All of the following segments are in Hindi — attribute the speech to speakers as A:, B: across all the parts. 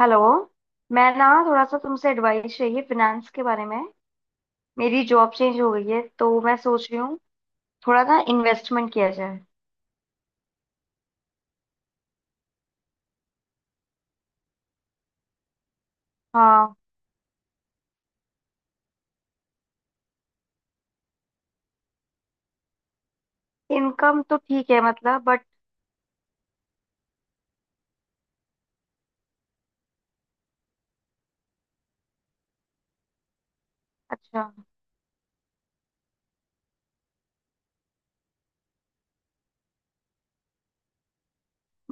A: हेलो। मैं ना थोड़ा सा तुमसे एडवाइस चाहिए फिनेंस के बारे में। मेरी जॉब चेंज हो गई है तो मैं सोच रही हूँ थोड़ा ना इन्वेस्टमेंट किया जाए। हाँ। इनकम तो ठीक है मतलब बट। अच्छा।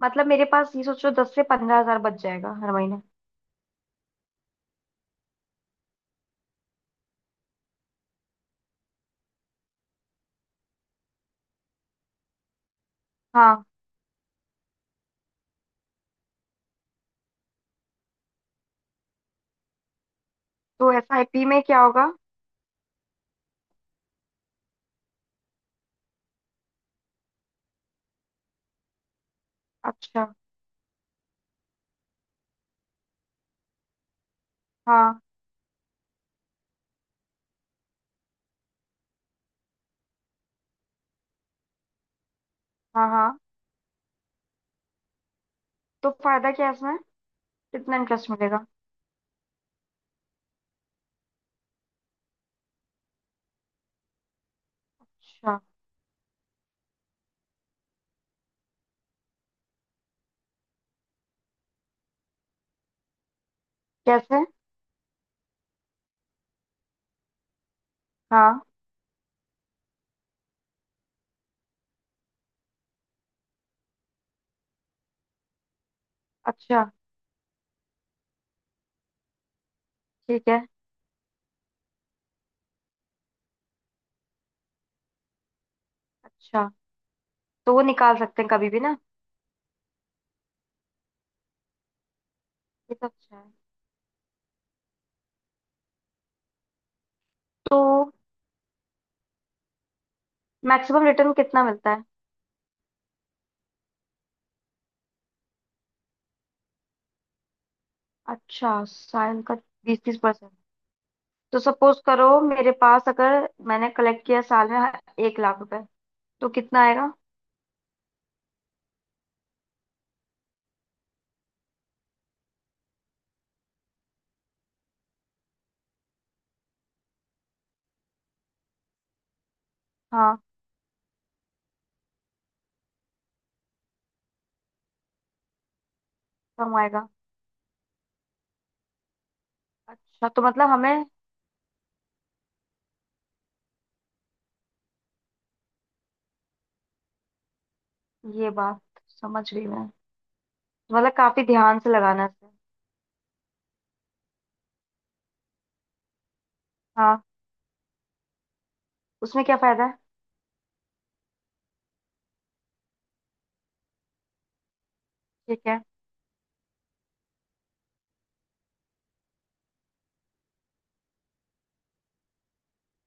A: मतलब मेरे पास, ये सोचो, 10 से 15 हजार बच जाएगा हर महीने। हाँ। तो एसआईपी में क्या होगा? अच्छा। हाँ हाँ। हाँ। तो फायदा क्या है इसमें? कितना इंटरेस्ट मिलेगा? अच्छा। कैसे? हाँ। अच्छा। ठीक है। अच्छा। तो वो निकाल सकते हैं कभी भी ना? ये तो अच्छा है। तो मैक्सिमम रिटर्न कितना मिलता है? अच्छा, साल का? 20-30%? तो सपोज करो मेरे पास, अगर मैंने कलेक्ट किया साल में 1 लाख रुपए, तो कितना आएगा? हाँ। कम आएगा? अच्छा, तो मतलब हमें, ये बात समझ गई मैं। मतलब काफी ध्यान से लगाना है इसे। हाँ। उसमें क्या फायदा है? ठीक है।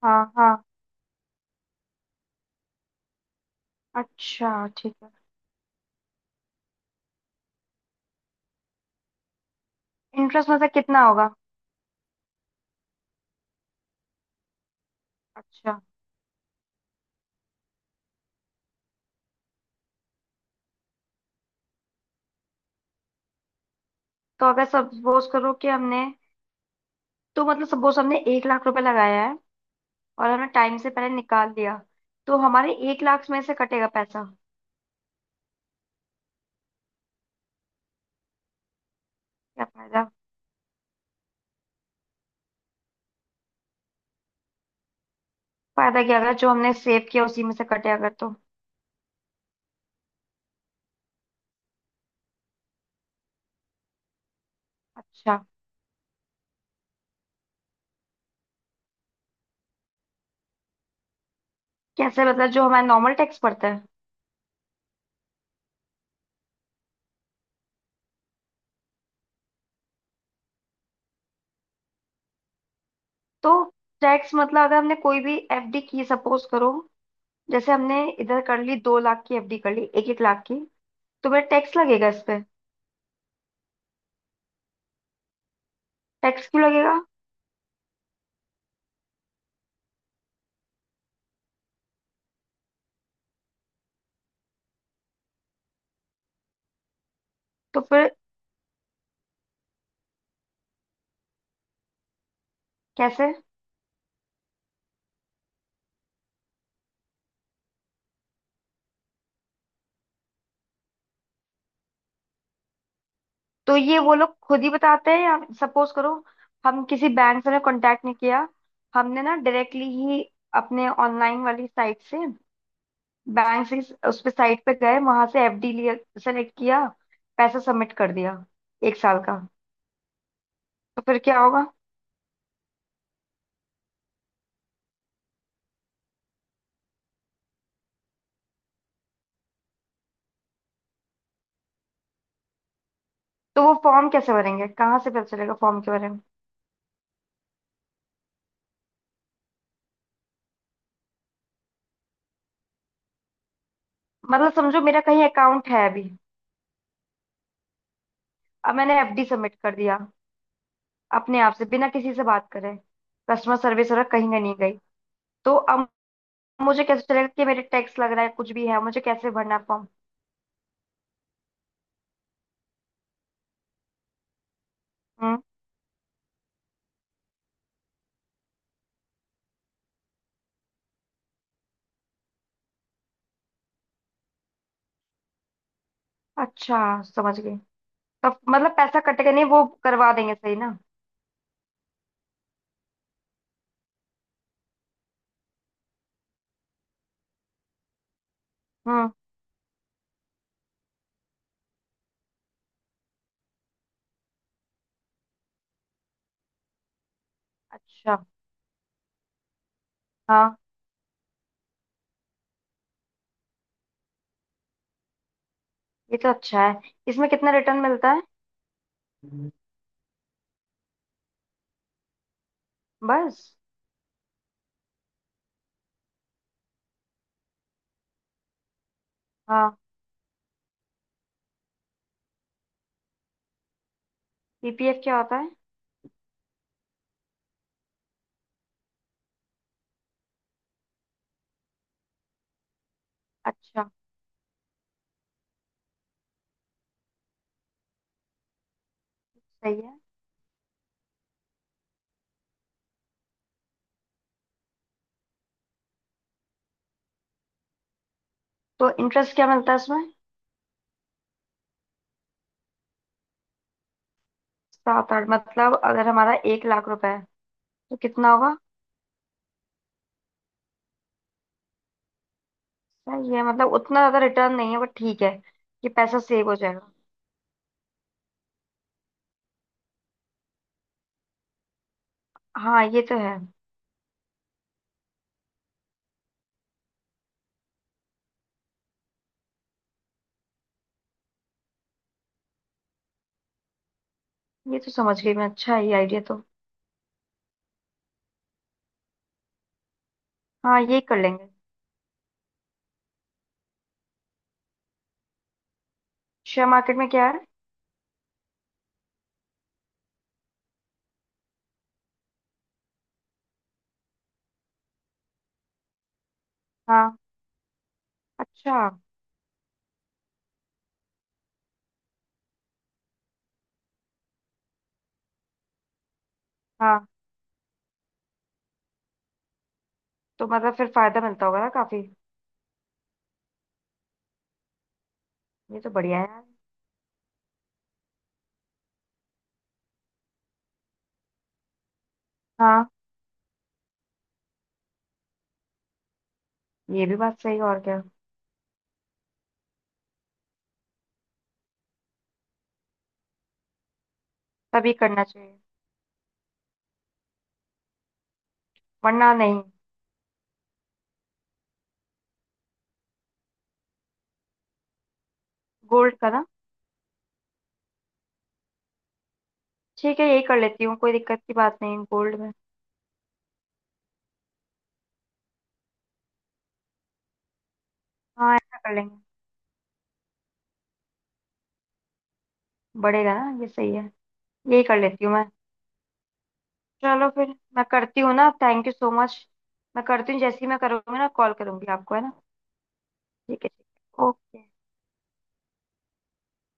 A: हाँ हाँ। अच्छा। ठीक है। इंटरेस्ट मतलब कितना होगा? अच्छा। तो अगर सपोज करो कि हमने, तो मतलब सपोज हमने 1 लाख रुपए लगाया है और हमने टाइम से पहले निकाल लिया, तो हमारे 1 लाख में से कटेगा पैसा? क्या फायदा? फायदा क्या, अगर जो हमने सेव किया उसी में से कटे अगर तो। अच्छा। कैसे मतलब, जो हमारा नॉर्मल टैक्स पड़ता है? तो टैक्स मतलब अगर हमने कोई भी एफडी की, सपोज करो, जैसे हमने इधर कर ली 2 लाख की एफडी, कर ली एक एक लाख की, तो फिर टैक्स लगेगा इस पे? टैक्स क्यों लगेगा? तो फिर कैसे? तो ये वो लोग खुद ही बताते हैं, या सपोज करो हम किसी बैंक से ने कांटेक्ट नहीं किया, हमने ना डायरेक्टली ही अपने ऑनलाइन वाली साइट से, बैंक से, उस पे साइट पे गए, वहां से एफडी लिया, सेलेक्ट किया, पैसा सबमिट कर दिया, एक साल का, तो फिर क्या होगा? तो वो फॉर्म कैसे भरेंगे? कहाँ से पता चलेगा फॉर्म के बारे में? मतलब समझो मेरा कहीं अकाउंट है अभी, अब मैंने एफडी सबमिट कर दिया अपने आप से, बिना किसी से बात करे, कस्टमर सर्विस वाला कहीं का नहीं गई, तो अब मुझे कैसे चलेगा कि मेरे टैक्स लग रहा है कुछ भी है, मुझे कैसे भरना फॉर्म? हम्म। अच्छा, समझ गई। तो मतलब पैसा कटेगा नहीं, वो करवा देंगे सही ना? हम्म। अच्छा। हाँ, ये तो अच्छा है। इसमें कितना रिटर्न मिलता है? हम्म। बस। हाँ। पीपीएफ क्या होता है? अच्छा। सही है। तो इंटरेस्ट क्या मिलता है इसमें? 7-8 मतलब अगर हमारा 1 लाख रुपए है, तो कितना होगा? सही है, मतलब उतना ज्यादा रिटर्न नहीं है बट ठीक है। ये पैसा सेव हो जाएगा? हाँ ये तो है। ये तो समझ गई मैं, अच्छा है ये आइडिया तो। हाँ ये कर लेंगे। शेयर मार्केट में क्या है? हाँ। अच्छा। हाँ। तो मतलब फिर फायदा मिलता होगा ना काफी? ये तो बढ़िया है यार। हाँ, ये भी बात सही है, और क्या। तभी करना चाहिए। वरना नहीं। गोल्ड का ना? ठीक है, यही कर लेती हूँ, कोई दिक्कत की बात नहीं गोल्ड में। हाँ ऐसा कर लेंगे। बढ़ेगा ना? ये सही है। यही कर लेती हूँ मैं। चलो फिर, मैं करती हूँ ना, थैंक यू सो मच। मैं करती हूँ, जैसे ही मैं करूँगी ना कॉल करूंगी आपको, है ना? ठीक है, ठीक है, ओके।